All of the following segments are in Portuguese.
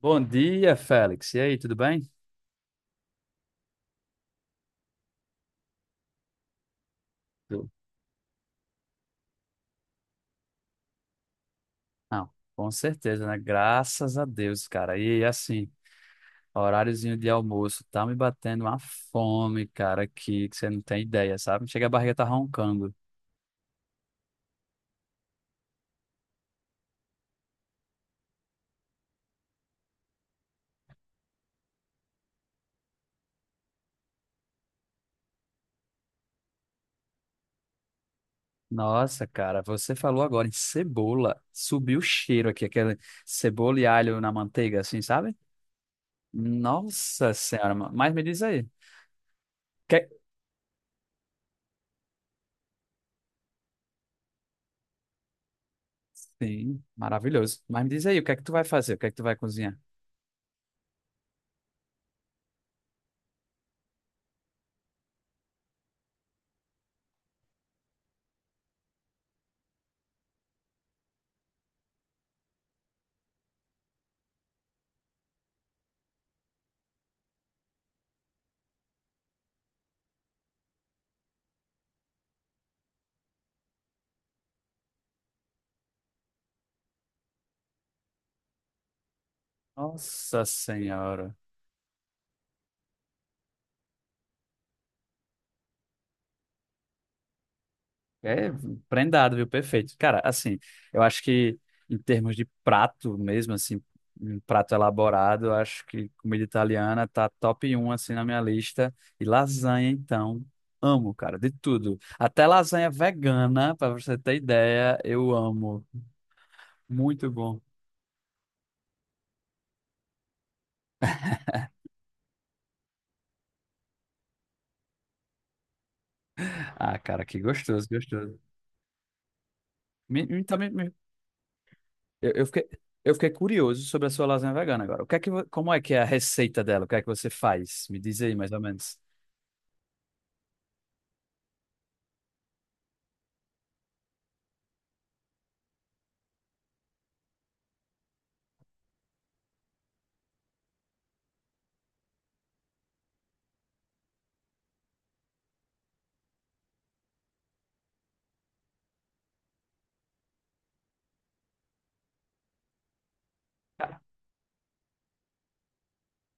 Bom dia, Félix. E aí, tudo bem? Tudo. Não, com certeza, né? Graças a Deus, cara. E assim, horáriozinho de almoço, tá me batendo uma fome, cara, que você não tem ideia, sabe? Chega a barriga tá roncando. Nossa, cara, você falou agora em cebola. Subiu o cheiro aqui, aquele cebola e alho na manteiga, assim, sabe? Nossa Senhora, mas me diz aí. Que... Sim, maravilhoso. Mas me diz aí, o que é que tu vai fazer? O que é que tu vai cozinhar? Nossa Senhora. É prendado, viu? Perfeito. Cara, assim, eu acho que em termos de prato mesmo, assim, um prato elaborado, eu acho que comida italiana tá top um assim, na minha lista. E lasanha, então, amo, cara, de tudo. Até lasanha vegana, pra você ter ideia, eu amo. Muito bom. Ah, cara, que gostoso, gostoso. Então, eu, eu fiquei, eu fiquei curioso sobre a sua lasanha vegana agora. O que é que, como é que é a receita dela? O que é que você faz? Me diz aí, mais ou menos.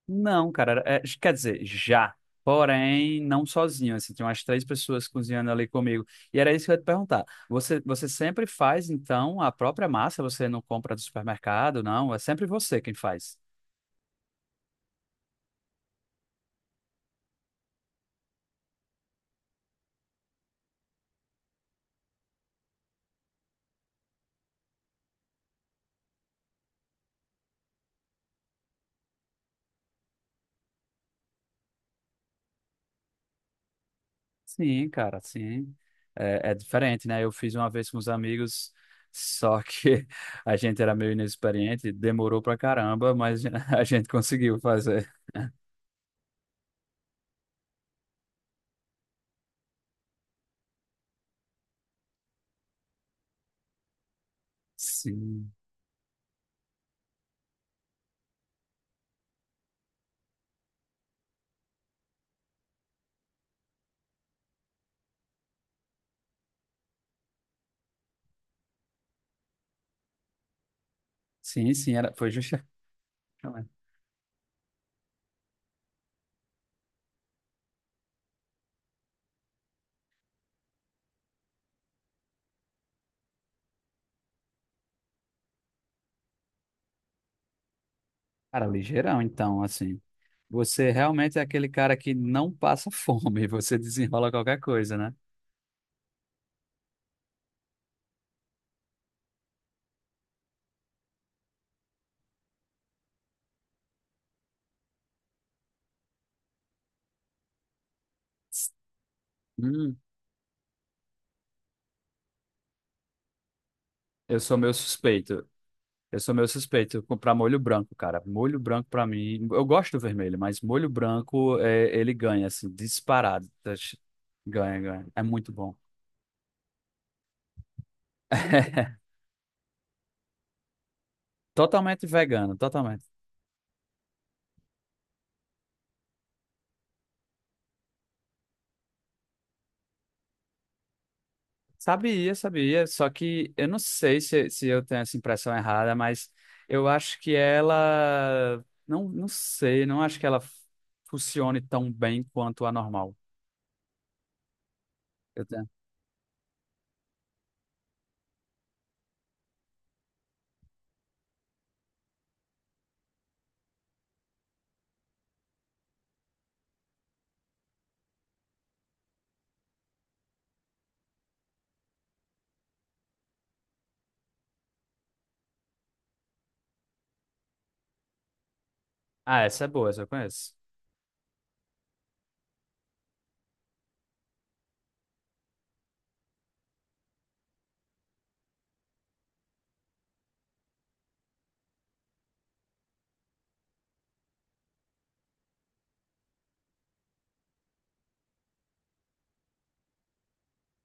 Não, cara, quer dizer, já. Porém, não sozinho, assim, tinha umas três pessoas cozinhando ali comigo. E era isso que eu ia te perguntar. Você sempre faz, então, a própria massa? Você não compra do supermercado, não? É sempre você quem faz. Sim, cara, sim. É, é diferente, né? Eu fiz uma vez com os amigos, só que a gente era meio inexperiente, demorou pra caramba, mas a gente conseguiu fazer. Sim, sim, sim, era, foi justamente. Cara, ligeirão, então, assim. Você realmente é aquele cara que não passa fome, você desenrola qualquer coisa, né? Hum, eu sou meu suspeito. Eu sou meu suspeito comprar molho branco, cara. Molho branco pra mim, eu gosto do vermelho, mas molho branco é, ele ganha assim, disparado. Ganha, ganha. É muito bom. Totalmente vegano, totalmente. Sabia, sabia, só que eu não sei se eu tenho essa impressão errada, mas eu acho que ela. Não, não sei, não acho que ela funcione tão bem quanto a normal. Eu tenho... Ah, essa é boa, essa eu conheço.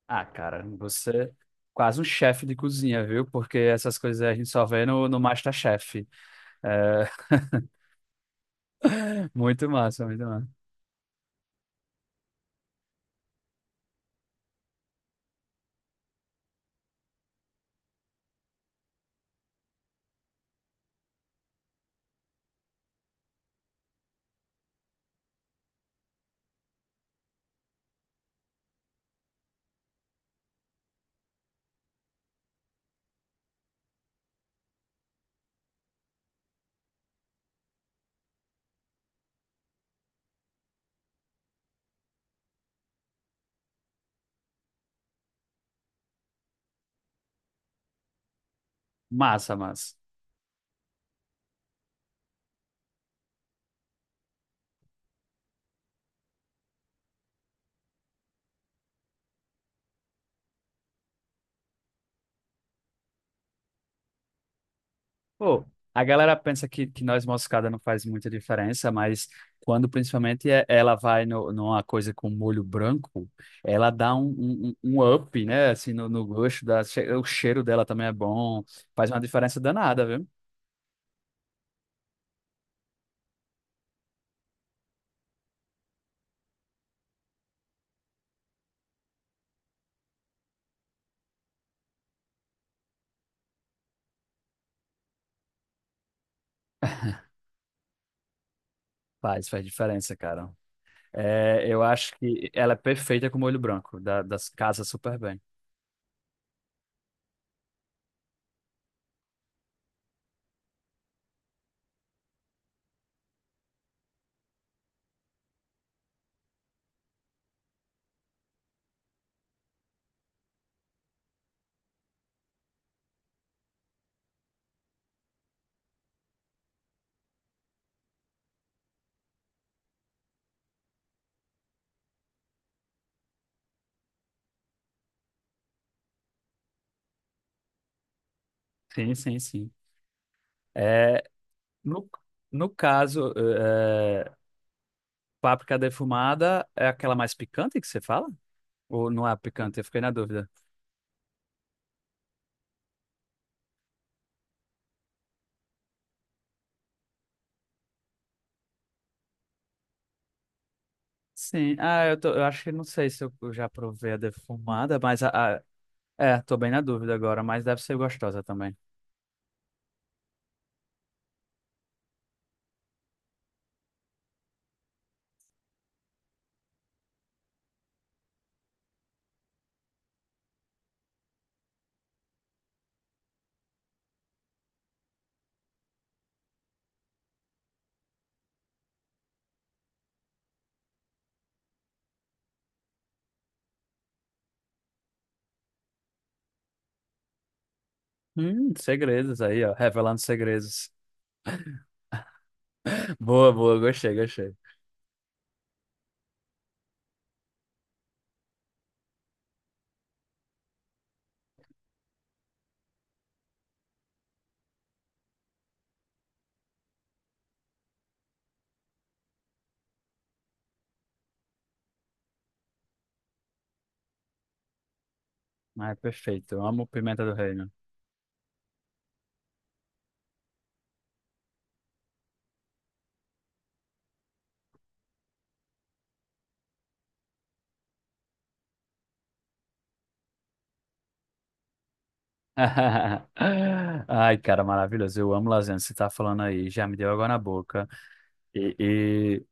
Ah, cara, você é quase um chefe de cozinha, viu? Porque essas coisas a gente só vê no MasterChef. É... Muito massa, muito massa. Massa, massa. Pô, a galera pensa que noz moscada não faz muita diferença, mas quando principalmente ela vai no, numa coisa com molho branco, ela dá um up, né? Assim, no, no gosto, o cheiro dela também é bom, faz uma diferença danada, viu? Faz, faz diferença, cara. É, eu acho que ela é perfeita com molho branco, da, das casas super bem. Sim, sim, sim. É, no, no caso, é, páprica defumada é aquela mais picante que você fala? Ou não é picante? Eu fiquei na dúvida. Sim, ah, eu, tô, eu acho que não sei se eu já provei a defumada, mas a- é, tô bem na dúvida agora, mas deve ser gostosa também. Segredos aí, ó, revelando segredos. Boa, boa, gostei, gostei. Ah, é perfeito, eu amo pimenta do reino. Ai, cara, maravilhoso, eu amo lasanha, você tá falando aí, já me deu água na boca. e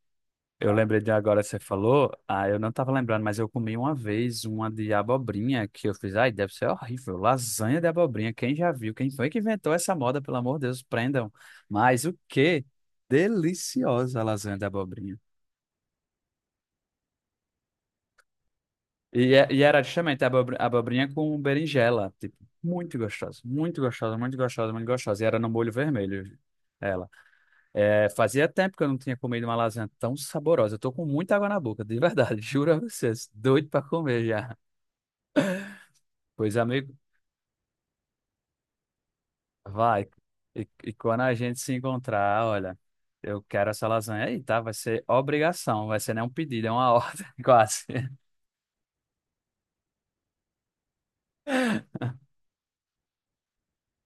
Eu lembrei de agora, você falou, ah, eu não tava lembrando, mas eu comi uma vez uma de abobrinha que eu fiz, ai, deve ser horrível, lasanha de abobrinha, quem já viu, quem foi que inventou essa moda, pelo amor de Deus, prendam. Mas o que deliciosa a lasanha de abobrinha. E, e era justamente abobrinha com berinjela, tipo, muito gostosa, muito gostosa, muito gostosa, muito gostosa, e era no molho vermelho. Ela. É, fazia tempo que eu não tinha comido uma lasanha tão saborosa. Eu tô com muita água na boca, de verdade. Juro a vocês. Doido pra comer já. Pois, amigo, vai. E quando a gente se encontrar, olha, eu quero essa lasanha aí, tá? Vai ser obrigação, vai ser nem um pedido, é uma ordem, quase.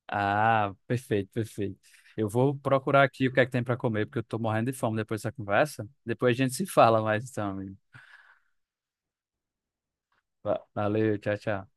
Ah, perfeito, perfeito. Eu vou procurar aqui o que é que tem para comer, porque eu tô morrendo de fome depois dessa conversa. Depois a gente se fala mais, então, amigo. Valeu, tchau, tchau.